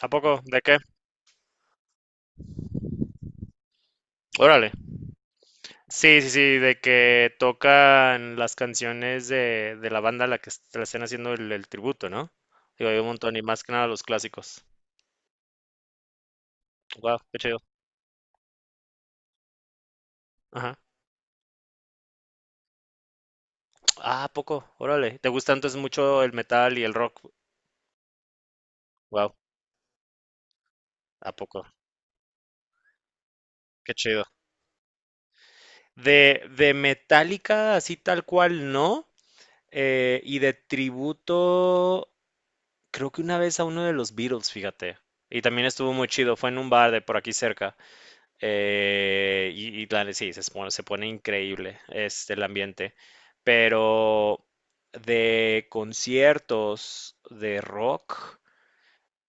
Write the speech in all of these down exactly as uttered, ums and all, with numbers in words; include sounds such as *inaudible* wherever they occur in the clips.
¿A poco? ¿De qué? Órale. Sí, sí, sí, de que tocan las canciones de, de la banda a la que est- le estén haciendo el, el tributo, ¿no? Digo, hay un montón y más que nada los clásicos. Wow, qué chido. Ajá. Ah, ¿a poco? Órale. ¿Te gusta entonces mucho el metal y el rock? Wow, ¿a poco? Qué chido. De, de Metallica, así tal cual, no. Eh, y de tributo, creo que una vez a uno de los Beatles, fíjate. Y también estuvo muy chido, fue en un bar de por aquí cerca. Eh, y, y claro, sí, se, pone- se pone increíble este, el ambiente. Pero de conciertos de rock,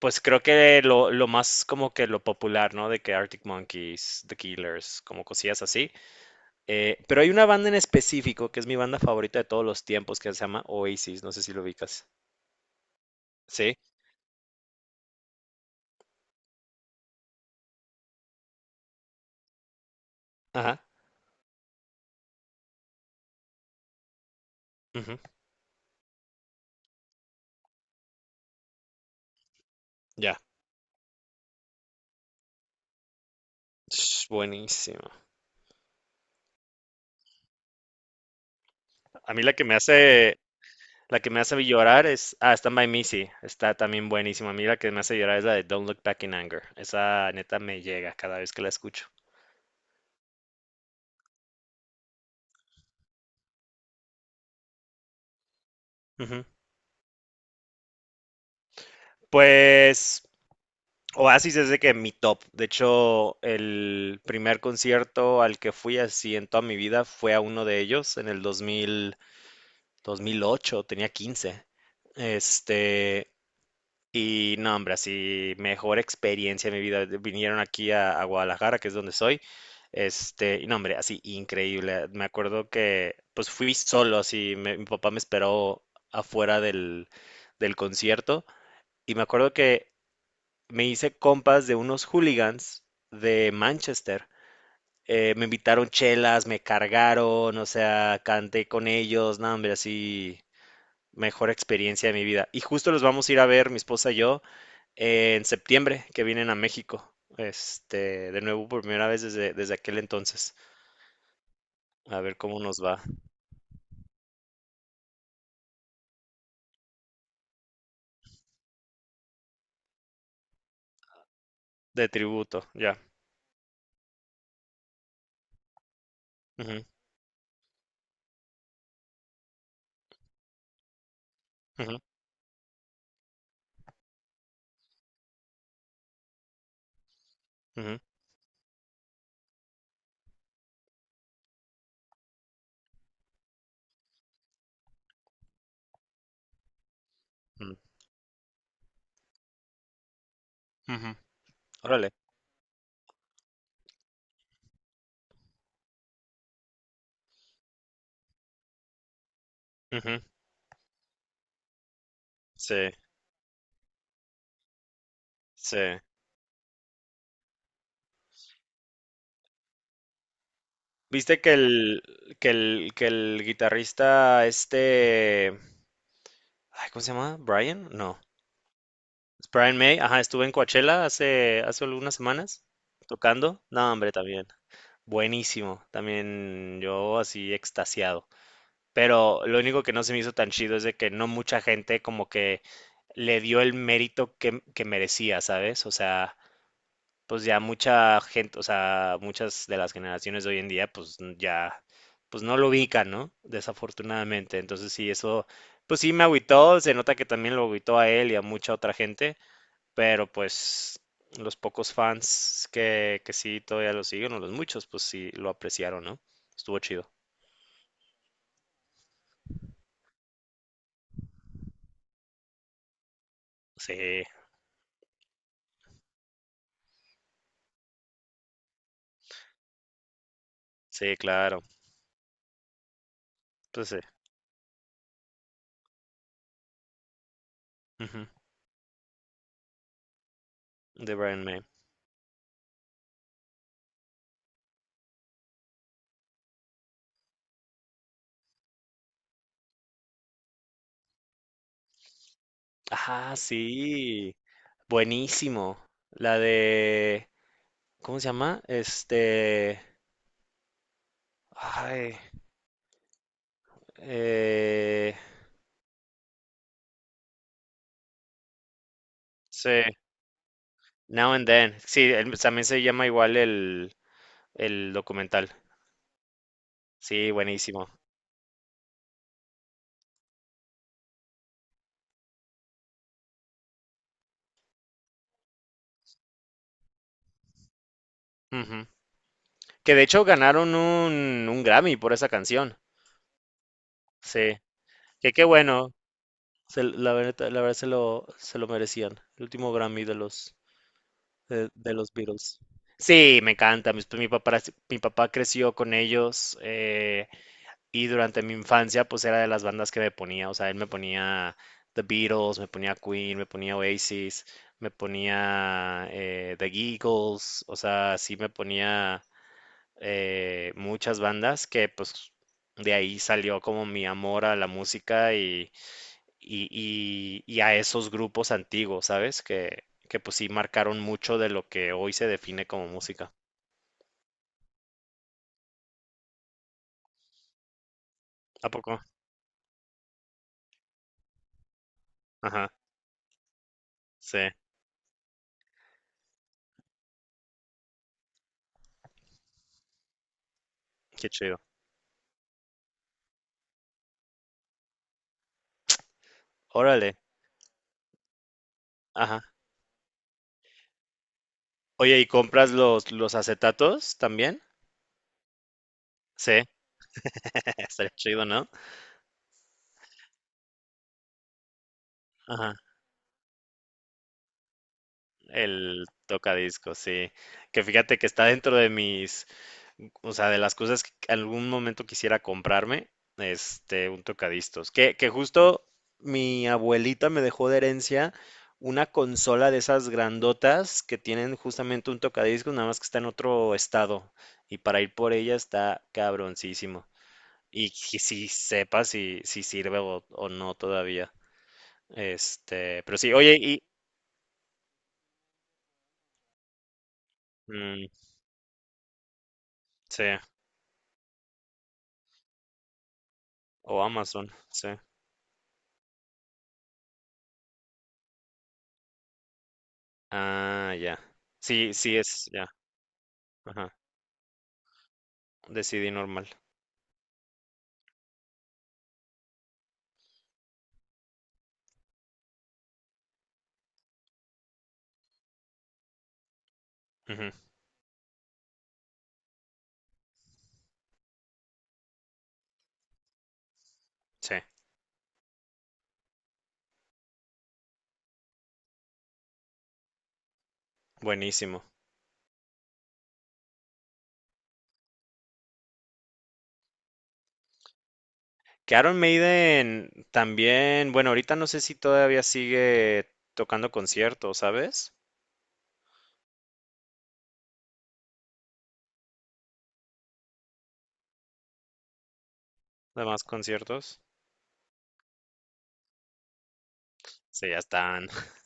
pues creo que lo, lo más como que lo popular, ¿no? De que Arctic Monkeys, The Killers, como cosillas así. Eh, pero hay una banda en específico que es mi banda favorita de todos los tiempos que se llama Oasis, no sé si lo ubicas. ¿Sí? Ajá. Ujú. Ya. Sh, buenísimo. A mí la que me hace, La que me hace llorar es, ah, Stand By Me, sí, está también buenísima. A mí la que me hace llorar es la de Don't Look Back in Anger. Esa neta me llega cada vez que la escucho. Ujú. Pues Oasis es de que mi top. De hecho, el primer concierto al que fui así en toda mi vida fue a uno de ellos en el dos mil dos mil ocho, tenía quince. Este, Y no, hombre, así mejor experiencia de mi vida. Vinieron aquí a, a Guadalajara, que es donde soy. Este, y no, hombre, así increíble. Me acuerdo que pues fui solo, así me- mi papá me esperó afuera del, del concierto. Y me acuerdo que me hice compas de unos hooligans de Manchester. Eh, me invitaron chelas, me cargaron, o sea, canté con ellos, no, hombre, así mejor experiencia de mi vida. Y justo los vamos a ir a ver, mi esposa y yo eh, en septiembre que vienen a México. Este, de nuevo por primera vez desde, desde aquel entonces. A ver cómo nos va. De tributo, ya. Ujú, ujú, ujú, ujú, ujú. Órale. Ujú. Sí, sí. ¿Viste que el, que el, que el guitarrista este, ay, ¿cómo se llama? ¿Brian? No. Es Brian May, ajá, estuve en Coachella hace, hace algunas semanas tocando. No, hombre, también. Buenísimo. También yo así extasiado. Pero lo único que no se me hizo tan chido es de que no mucha gente como que le dio el mérito que, que merecía, ¿sabes? O sea, pues ya mucha gente, o sea, muchas de las generaciones de hoy en día, pues ya, pues no lo ubican, ¿no? Desafortunadamente. Entonces sí, eso, pues sí me agüitó, se nota que también lo agüitó a él y a mucha otra gente, pero pues los pocos fans que, que sí todavía lo siguen, o los muchos, pues sí lo apreciaron, ¿no? Estuvo chido. Sí, sí, claro. Pues sí. Ujú. De Brian May. Ah, sí. Buenísimo. La de... ¿Cómo se llama? Este... Ay. eh, sí. Now and Then. Sí, él- también se llama igual el, el documental. Sí, buenísimo. Ujú. Que de hecho ganaron un, un Grammy por esa canción. Sí. Que qué bueno. Se- la verdad, la verdad se lo, se lo merecían. El último Grammy de los de, de los Beatles. Sí, me encanta. Mis- Mi, papá, mi papá creció con ellos eh, y durante mi infancia pues era de las bandas que me ponía. O sea, él me ponía The Beatles, me ponía Queen, me ponía Oasis, me ponía eh, The Eagles. O sea, sí me ponía eh, muchas bandas que pues de ahí salió como mi amor a la música y, y, y- y a esos grupos antiguos, ¿sabes? Que, que pues sí marcaron mucho de lo que hoy se define como música. ¿A poco? Ajá, sí, qué chido. Órale, ajá. Oye, ¿y compras los, los acetatos también? Sí, *laughs* estaría chido, ¿no? Ajá. El tocadiscos, sí. Que fíjate que está dentro de mis, o sea, de las cosas que en algún momento quisiera comprarme, este, un tocadiscos. Que, que justo mi abuelita me dejó de herencia una consola de esas grandotas que tienen justamente un tocadiscos, nada más que está en otro estado. Y para ir por ella está cabroncísimo. Y que si sepa si, si sirve o, o no todavía. Este, pero sí, oye, y... Mm, sí. O Amazon, sí. Ah, ya. Sí, sí es, ya. Ajá. De C D normal. Ujú. Sí, buenísimo. Que Iron Maiden también, bueno, ahorita no sé si todavía sigue tocando conciertos, ¿sabes? Además, conciertos. Sí, ya están, *laughs*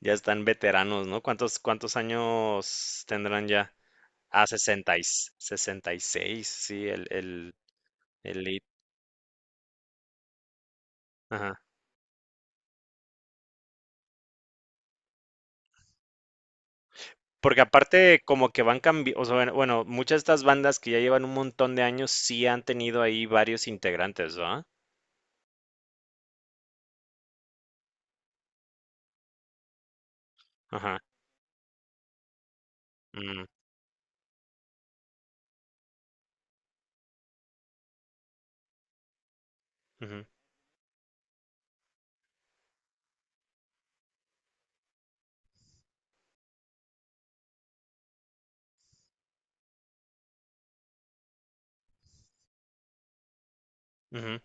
ya están veteranos, ¿no? ¿Cuántos, cuántos años tendrán ya? Ah, sesenta y, sesenta y seis sí, el, el, el lead. Porque aparte como que van cambiando, o sea, bueno, bueno, muchas de estas bandas que ya llevan un montón de años sí han tenido ahí varios integrantes, ¿verdad? Ajá. Mm. Ujú, ujú.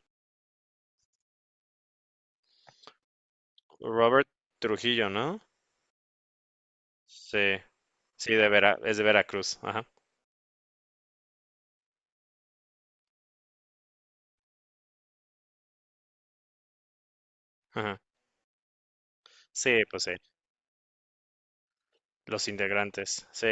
Robert Trujillo, ¿no? Sí, sí, de Vera, es de Veracruz, ajá, ajá. Sí, pues sí, los integrantes, sí,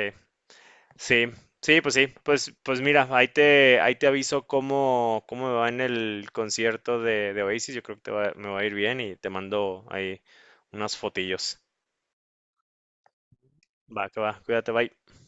sí, sí, pues sí, pues, pues mira, ahí te, ahí te aviso cómo, cómo me va en el concierto de, de Oasis, yo creo que te va- me va a ir bien y te mando ahí unas fotillos. Va, que va, cuídate, bye.